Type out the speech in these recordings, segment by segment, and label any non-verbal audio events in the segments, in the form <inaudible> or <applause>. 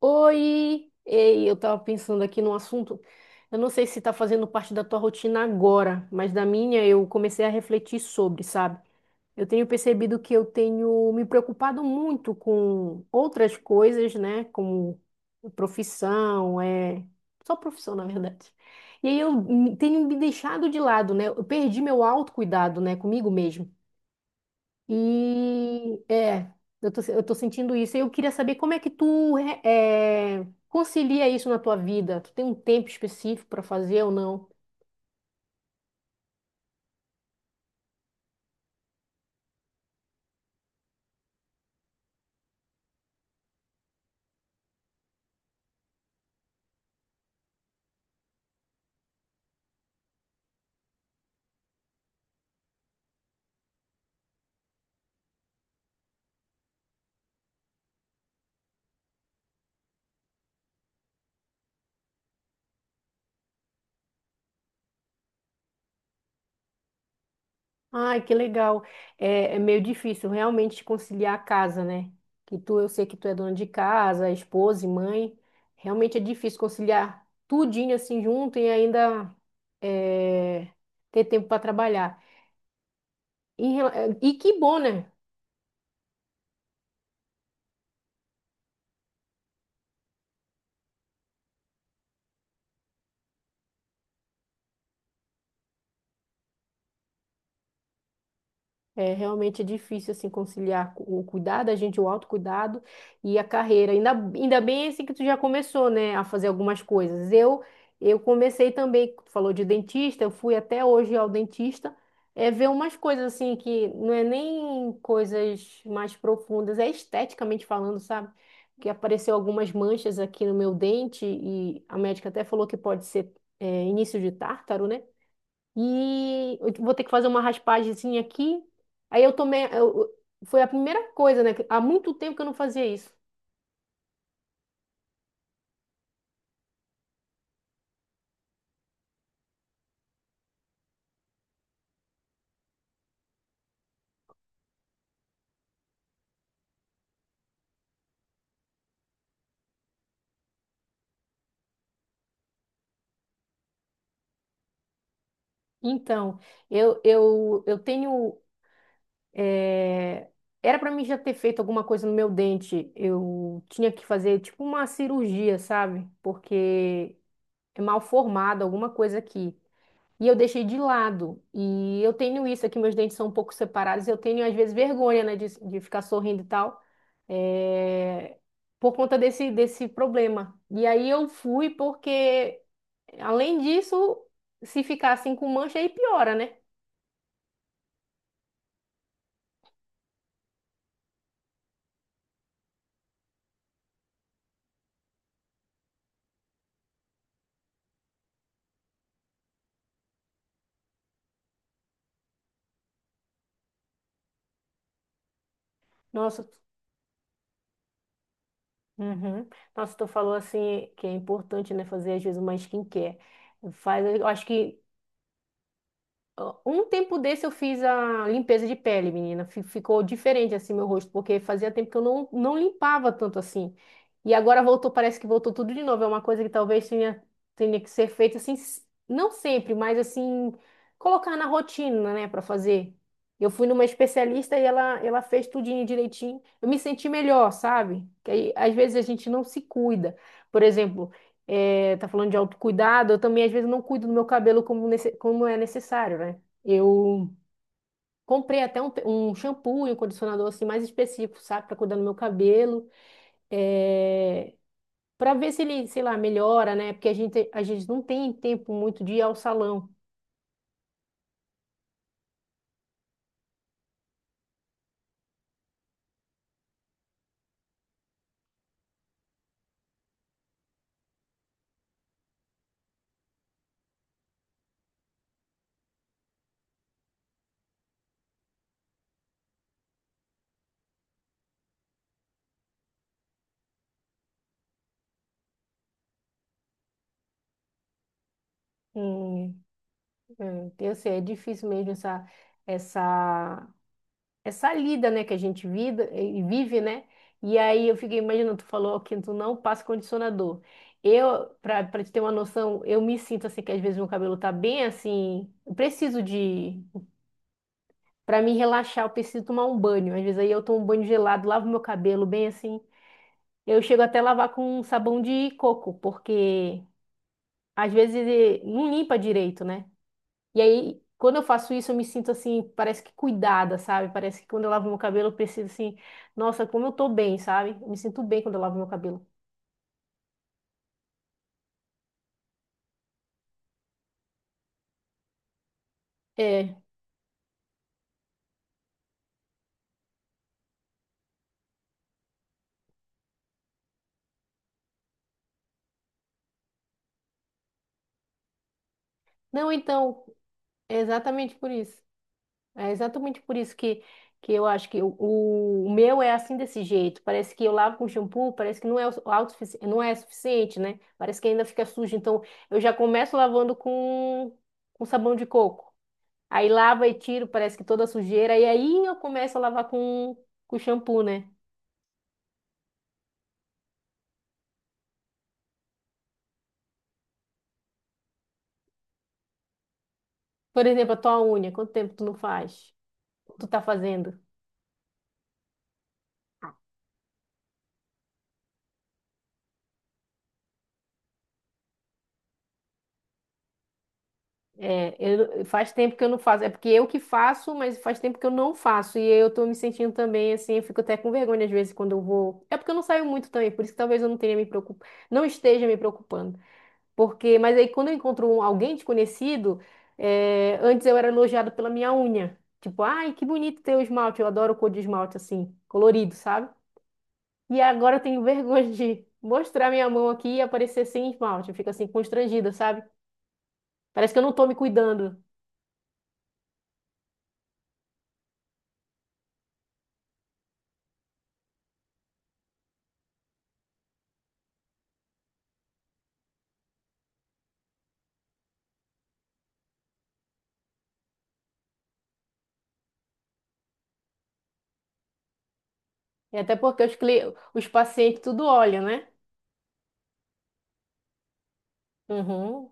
Oi! Ei, eu tava pensando aqui num assunto. Eu não sei se tá fazendo parte da tua rotina agora, mas da minha eu comecei a refletir sobre, sabe? Eu tenho percebido que eu tenho me preocupado muito com outras coisas, né? Como profissão, é. Só profissão, na verdade. E aí tenho me deixado de lado, né? Eu perdi meu autocuidado, né? Comigo mesmo. E é, eu tô sentindo isso. E eu queria saber como é que tu concilia isso na tua vida. Tu tem um tempo específico para fazer ou não? Ai, que legal. É, é meio difícil realmente conciliar a casa, né? Que tu, eu sei que tu é dona de casa, esposa e mãe. Realmente é difícil conciliar tudinho assim junto e ainda é, ter tempo para trabalhar. Em rela- E que bom, né? É realmente difícil assim conciliar o cuidado a gente, o autocuidado e a carreira. Ainda bem assim que tu já começou, né, a fazer algumas coisas. Eu comecei também, tu falou de dentista, eu fui até hoje ao dentista, é ver umas coisas assim que não é nem coisas mais profundas, é esteticamente falando, sabe? Que apareceu algumas manchas aqui no meu dente e a médica até falou que pode ser início de tártaro, né? E eu vou ter que fazer uma raspagemzinha aqui. Aí eu tomei. Eu- Foi a primeira coisa, né? que Há muito tempo que eu não fazia isso. Então, eu tenho. Era pra mim já ter feito alguma coisa no meu dente. Eu tinha que fazer tipo uma cirurgia, sabe? Porque é mal formado alguma coisa aqui. E eu deixei de lado. E eu tenho isso aqui, meus dentes são um pouco separados. Eu tenho, às vezes, vergonha, né, de ficar sorrindo e tal, é, por conta desse problema. E aí eu fui porque, além disso, se ficar assim com mancha, aí piora, né? Nossa, uhum. Nossa, tu falou assim que é importante, né, fazer às vezes uma skincare. Faz, eu acho que um tempo desse eu fiz a limpeza de pele, menina. Ficou diferente assim meu rosto, porque fazia tempo que eu não limpava tanto assim. E agora voltou, parece que voltou tudo de novo. É uma coisa que tenha que ser feita assim, não sempre, mas assim, colocar na rotina, né, para fazer. Eu fui numa especialista e ela fez tudinho direitinho. Eu me senti melhor, sabe? Que aí, às vezes a gente não se cuida. Por exemplo, tá falando de autocuidado, eu também às vezes não cuido do meu cabelo como é necessário, né? Eu comprei até um shampoo e um condicionador assim mais específico, sabe, para cuidar do meu cabelo, é... para ver se ele, sei lá, melhora, né? Porque a gente não tem tempo muito de ir ao salão. Hum, então, assim, é difícil mesmo essa, essa lida, né, que a gente vida, e vive, né? E aí eu fiquei imaginando, tu falou que tu não passa condicionador. Eu, para te ter uma noção, eu me sinto assim que às vezes meu cabelo tá bem assim, eu preciso de pra me relaxar, eu preciso tomar um banho. Às vezes aí eu tomo um banho gelado, lavo meu cabelo bem assim. Eu chego até a lavar com um sabão de coco, porque às vezes não limpa direito, né? E aí, quando eu faço isso, eu me sinto assim, parece que cuidada, sabe? Parece que quando eu lavo meu cabelo, eu preciso assim, nossa, como eu tô bem, sabe? Eu me sinto bem quando eu lavo meu cabelo. É. Não, então, é exatamente por isso. É exatamente por isso que eu acho que o meu é assim desse jeito. Parece que eu lavo com shampoo, parece que não é suficiente, né? Parece que ainda fica sujo. Então, eu já começo lavando com sabão de coco. Aí lava e tiro, parece que toda a sujeira. E aí eu começo a lavar com shampoo, né? Por exemplo, a tua unha, quanto tempo tu não faz? Tu tá fazendo? É, eu, faz tempo que eu não faço. É porque eu que faço, mas faz tempo que eu não faço. E eu tô me sentindo também assim, eu fico até com vergonha às vezes quando eu vou. É porque eu não saio muito também, por isso que talvez eu não tenha não esteja me preocupando. Porque, mas aí quando eu encontro alguém desconhecido, é, antes eu era elogiado pela minha unha. Tipo, ai, que bonito teu esmalte, eu adoro cor de esmalte assim, colorido, sabe? E agora eu tenho <laughs> vergonha de mostrar minha mão aqui e aparecer sem esmalte. Eu fico assim constrangida, sabe? Parece que eu não tô me cuidando. E até porque os pacientes tudo olham, né? Uhum,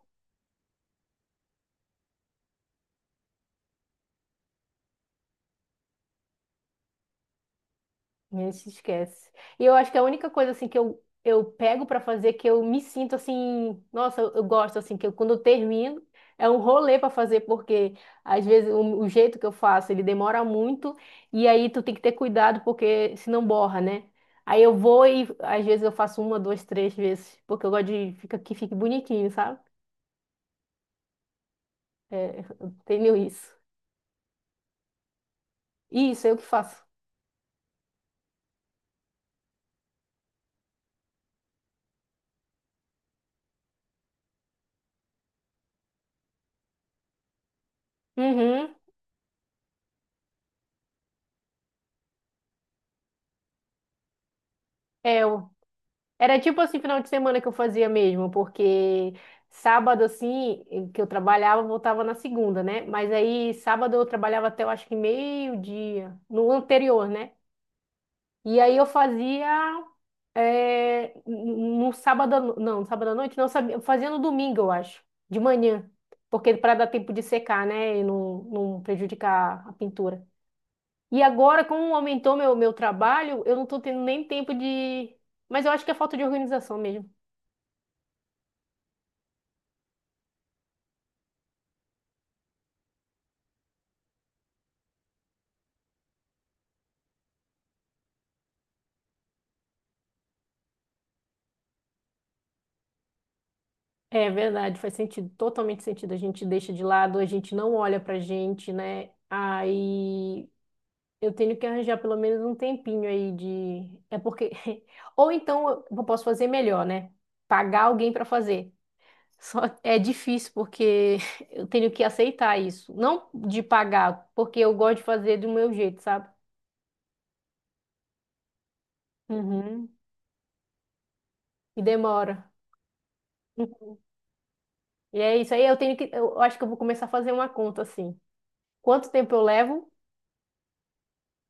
a gente esquece. E eu acho que a única coisa assim que eu pego pra fazer que eu me sinto assim, nossa, eu gosto assim que eu, quando eu termino é um rolê pra fazer porque às vezes o jeito que eu faço ele demora muito e aí tu tem que ter cuidado porque senão borra, né? Aí eu vou e às vezes eu faço uma, duas, três vezes porque eu gosto de fica, que fique bonitinho, sabe? É, eu tenho isso. Isso, eu que faço. Uhum. É, eu Era tipo assim, final de semana que eu fazia mesmo, porque sábado, assim, que eu trabalhava, eu voltava na segunda, né? Mas aí, sábado eu trabalhava até, eu acho que meio-dia, no anterior, né? E aí eu fazia, no sábado à noite, não, eu sabia, eu fazia no domingo, eu acho, de manhã, porque para dar tempo de secar, né? E não prejudicar a pintura. E agora, como aumentou meu trabalho, eu não tô tendo nem tempo de... Mas eu acho que é falta de organização mesmo. É verdade, faz sentido, totalmente sentido. A gente deixa de lado, a gente não olha pra gente, né? Aí eu tenho que arranjar pelo menos um tempinho aí de. É porque. <laughs> Ou então eu posso fazer melhor, né? Pagar alguém pra fazer. Só é difícil porque <laughs> eu tenho que aceitar isso. Não de pagar, porque eu gosto de fazer do meu jeito, sabe? Uhum. E demora. E é isso aí, eu tenho que. Eu acho que eu vou começar a fazer uma conta assim. Quanto tempo eu levo?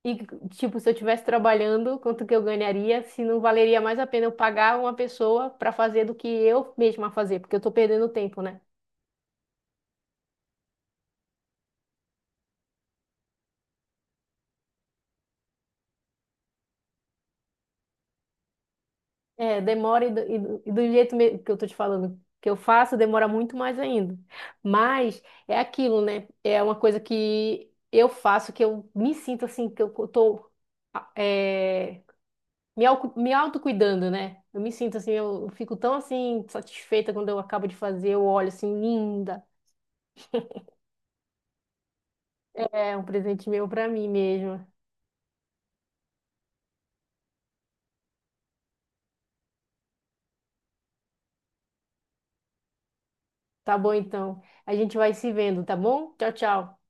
E, tipo, se eu estivesse trabalhando, quanto que eu ganharia, se não valeria mais a pena eu pagar uma pessoa para fazer do que eu mesma fazer, porque eu tô perdendo tempo, né? É, demora e e do jeito que eu tô te falando que eu faço, demora muito mais ainda. Mas é aquilo, né? É uma coisa que eu faço, que eu me sinto assim, que eu tô ah, é, me autocuidando, né? Eu me sinto assim, eu fico tão assim, satisfeita quando eu acabo de fazer, eu olho assim, linda. É um presente meu para mim mesmo. Tá bom, então. A gente vai se vendo, tá bom? Tchau, tchau.